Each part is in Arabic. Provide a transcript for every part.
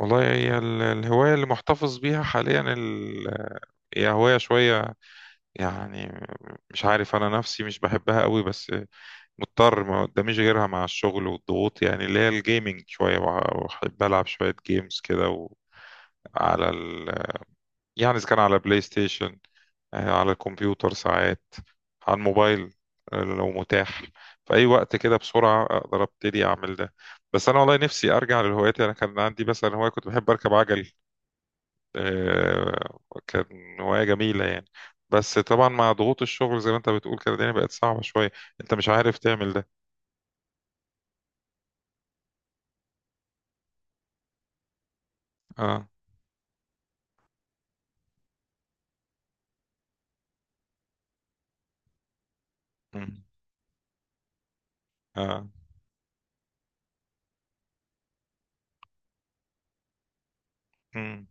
والله هي الهواية اللي محتفظ بيها حاليا هي هواية شوية يعني، مش عارف، أنا نفسي مش بحبها قوي بس مضطر، ما قداميش غيرها مع الشغل والضغوط، يعني اللي هي الجيمنج. شوية بحب ألعب شوية جيمز كده على ال... يعني إذا كان على بلاي ستيشن، على الكمبيوتر ساعات، على الموبايل، لو متاح في أي وقت كده بسرعة أقدر أبتدي أعمل ده. بس أنا والله نفسي أرجع للهوايات. أنا كان عندي مثلا هواية كنت بحب أركب عجل. آه، كان هواية جميلة يعني. بس طبعا مع ضغوط الشغل، زي ما انت بتقول كده، الدنيا بقت صعبة شوية، انت مش عارف تعمل ده. اه. مم. اه. مم.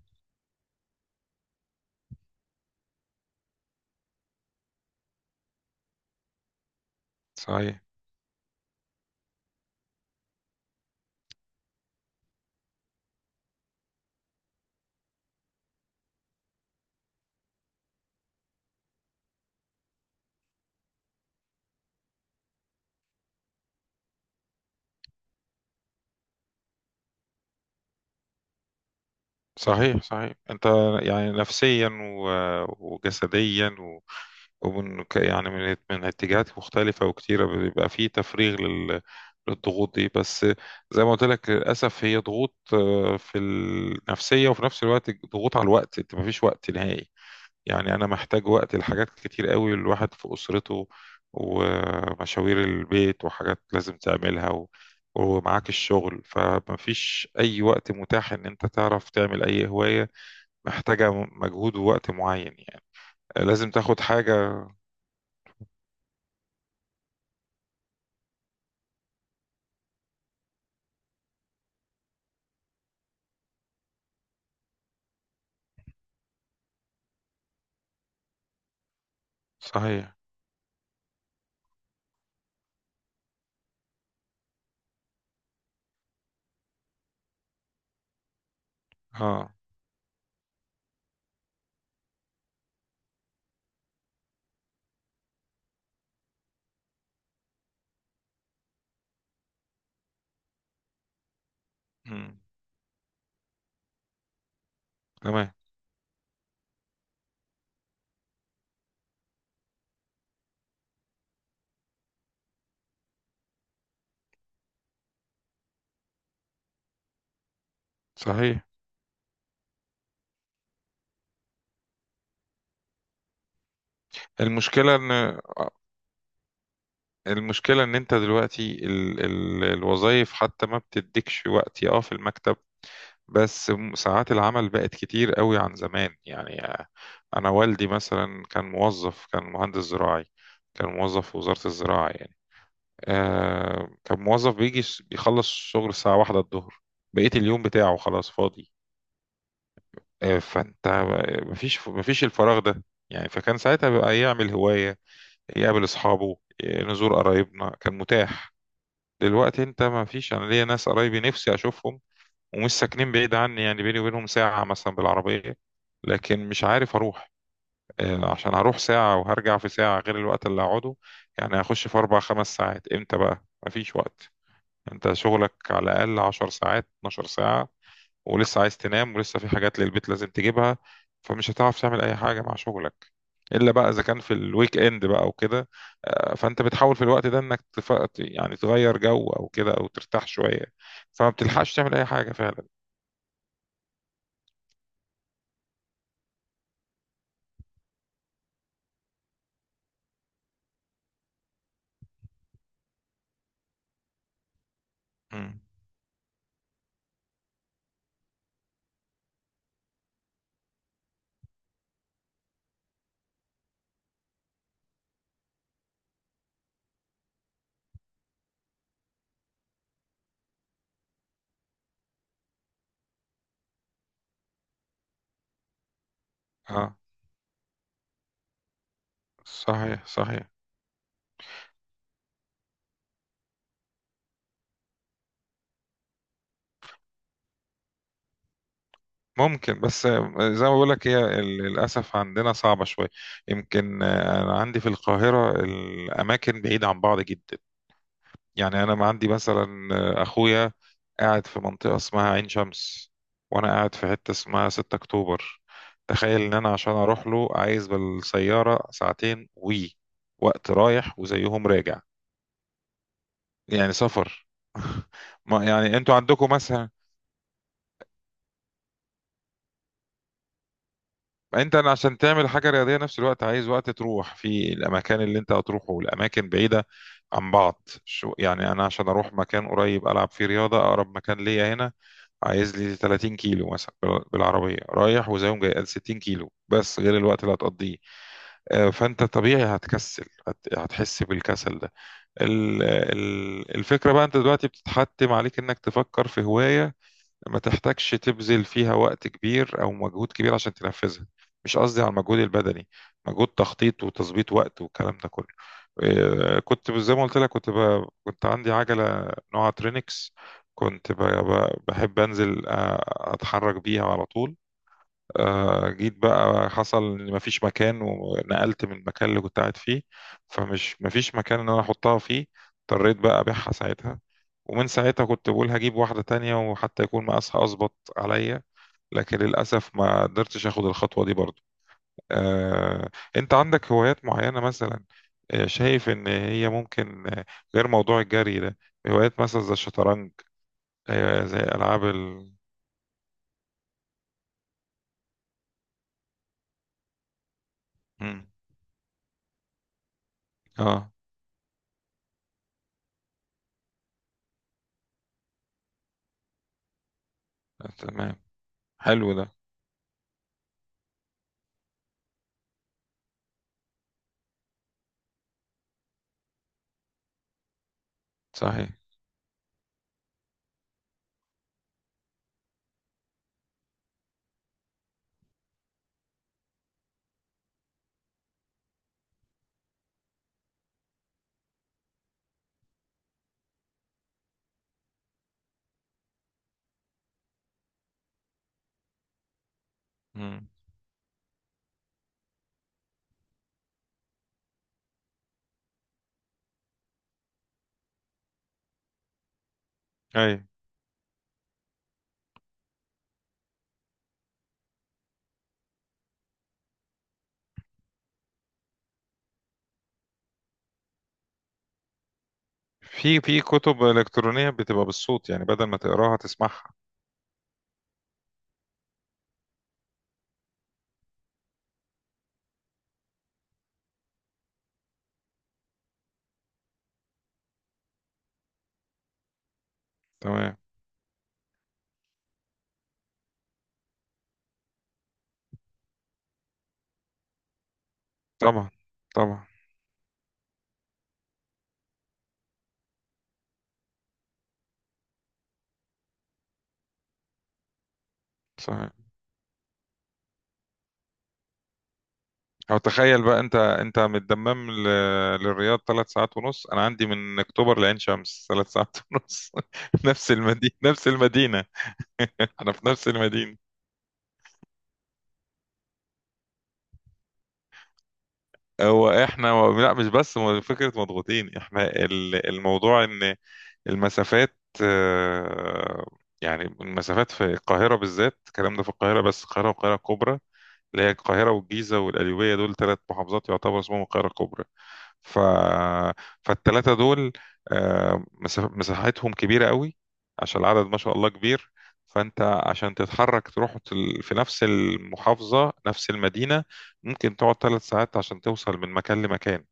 صحيح صحيح صحيح. انت يعني نفسيا وجسديا ومن يعني من اتجاهات مختلفة وكتيرة بيبقى فيه تفريغ للضغوط دي. بس زي ما قلت لك، للأسف هي ضغوط، في النفسية وفي نفس الوقت ضغوط على الوقت، انت مفيش وقت نهائي. يعني أنا محتاج وقت لحاجات كتير قوي، الواحد في أسرته ومشاوير البيت وحاجات لازم تعملها ومعاك الشغل، فمفيش أي وقت متاح إن أنت تعرف تعمل أي هواية محتاجة مجهود ووقت معين. يعني لازم تاخد حاجة. صحيح. اه. مم. تمام. صحيح. المشكلة إن المشكلة ان انت دلوقتي ال ال الوظائف حتى ما بتديكش وقت في المكتب، بس ساعات العمل بقت كتير قوي عن زمان. يعني انا والدي مثلا كان موظف، كان مهندس زراعي، كان موظف في وزارة الزراعة. يعني كان موظف بيجي، بيخلص شغل الساعة واحدة الظهر، بقية اليوم بتاعه خلاص فاضي. فانت مفيش الفراغ ده. يعني فكان ساعتها بقى يعمل هواية، يقابل أصحابه، نزور قرايبنا كان متاح. دلوقتي انت مفيش، انا ليا ناس قرايبي نفسي اشوفهم ومش ساكنين بعيد عني، يعني بيني وبينهم ساعة مثلا بالعربية، لكن مش عارف أروح. عشان هروح ساعة وهرجع في ساعة غير الوقت اللي هقعده، يعني هخش في أربع خمس ساعات، إمتى بقى؟ مفيش وقت. أنت شغلك على الأقل 10 ساعات 12 ساعة، ولسه عايز تنام ولسه في حاجات للبيت لازم تجيبها، فمش هتعرف تعمل أي حاجة مع شغلك، إلا بقى إذا كان في الويك إند بقى وكده. فأنت بتحاول في الوقت ده إنك يعني تغير جو أو كده أو ترتاح شوية، فما بتلحقش تعمل أي حاجة. فعلا. اه. صحيح صحيح. ممكن بس، زي ما بقول لك، هي للاسف عندنا صعبه شويه. يمكن، انا عندي في القاهره الاماكن بعيده عن بعض جدا. يعني انا ما عندي مثلا، اخويا قاعد في منطقه اسمها عين شمس، وانا قاعد في حته اسمها 6 اكتوبر. تخيل ان انا عشان اروح له عايز بالسياره ساعتين، وقت رايح وزيهم راجع، يعني سفر. ما يعني انتوا عندكم مثلا، أنا عشان تعمل حاجه رياضيه نفس الوقت عايز وقت تروح في الاماكن اللي انت هتروحه، والاماكن بعيده عن بعض. شو يعني، انا عشان اروح مكان قريب العب فيه رياضه، اقرب مكان ليا هنا عايز لي 30 كيلو مثلا بالعربيه رايح وزيهم جاي 60 كيلو، بس غير الوقت اللي هتقضيه. فانت طبيعي هتكسل، هتحس بالكسل ده. الفكره بقى انت دلوقتي بتتحتم عليك انك تفكر في هوايه ما تحتاجش تبذل فيها وقت كبير او مجهود كبير عشان تنفذها. مش قصدي على المجهود البدني، مجهود تخطيط وتظبيط وقت والكلام ده كله. إيه، كنت زي ما قلت لك، كنت عندي عجلة نوعها ترينكس، بحب انزل، اتحرك بيها على طول. جيت بقى حصل ان مفيش مكان ونقلت من المكان اللي كنت قاعد فيه، مفيش مكان ان انا احطها فيه، اضطريت بقى ابيعها ساعتها. ومن ساعتها كنت بقول هجيب واحدة تانية وحتى يكون مقاسها اظبط عليا، لكن للأسف ما قدرتش اخد الخطوة دي برضو. آه، انت عندك هوايات معينة مثلا، شايف ان هي ممكن، غير موضوع الجري ده، هوايات مثلا زي الشطرنج، زي العاب مم. اه. تمام. حلو ده. صحيح. مم. اي. في كتب الكترونيه بتبقى بالصوت، يعني بدل ما تقراها تسمعها. تمام. طبعا. طبعا. صحيح. او تخيل بقى، انت من الدمام للرياض 3 ساعات ونص، انا عندي من اكتوبر لعين شمس 3 ساعات ونص. نفس المدينه نفس المدينه. انا في نفس المدينه. هو احنا لا مش بس فكره مضغوطين احنا، الموضوع ان المسافات، يعني المسافات في القاهرة بالذات، الكلام ده في القاهرة بس، القاهرة والقاهرة الكبرى اللي هي القاهرة والجيزة والقليوبية، دول 3 محافظات يعتبر اسمهم القاهرة الكبرى. ف... فالثلاثة دول، مساحتهم كبيرة قوي عشان العدد ما شاء الله كبير. فأنت عشان تتحرك تروح، في نفس المحافظة نفس المدينة، ممكن تقعد 3 ساعات عشان توصل من مكان لمكان.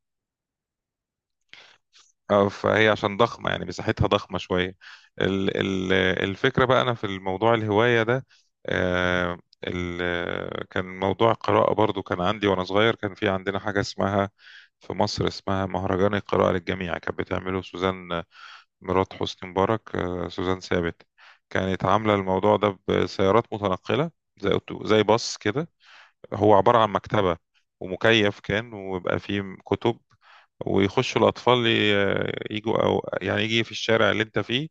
اه فهي عشان ضخمة، يعني مساحتها ضخمة شوية. ال ال الفكرة بقى أنا في الموضوع الهواية ده، آه ال كان موضوع القراءة برضو كان عندي وأنا صغير. كان في عندنا حاجة اسمها، في مصر اسمها مهرجان القراءة للجميع، كانت بتعمله سوزان مرات حسني مبارك، سوزان ثابت. كانت عاملة الموضوع ده بسيارات متنقلة، زي زي باص كده، هو عبارة عن مكتبة ومكيف كان، ويبقى فيه كتب ويخشوا الأطفال، يجوا، أو يعني يجي في الشارع اللي أنت فيه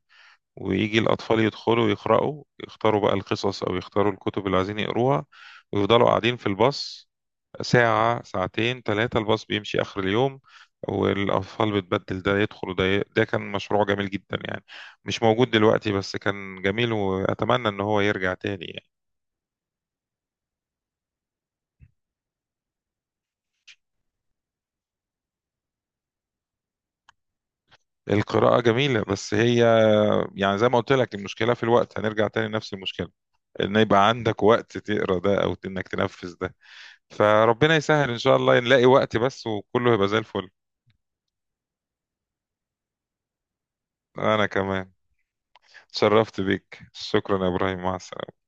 ويجي الأطفال يدخلوا يقرأوا، يختاروا بقى القصص أو يختاروا الكتب اللي عايزين يقروها ويفضلوا قاعدين في الباص ساعة ساعتين ثلاثة، الباص بيمشي آخر اليوم والأطفال بتبدل، ده يدخل وده ده كان مشروع جميل جدا يعني. مش موجود دلوقتي، بس كان جميل، وأتمنى إن هو يرجع تاني يعني. القراءة جميلة، بس هي يعني زي ما قلت لك، المشكلة في الوقت، هنرجع تاني لنفس المشكلة، ان يبقى عندك وقت تقرا ده او انك تنفذ ده. فربنا يسهل ان شاء الله نلاقي وقت بس، وكله يبقى زي الفل. انا كمان. اتشرفت بيك، شكرا يا ابراهيم، مع السلامة.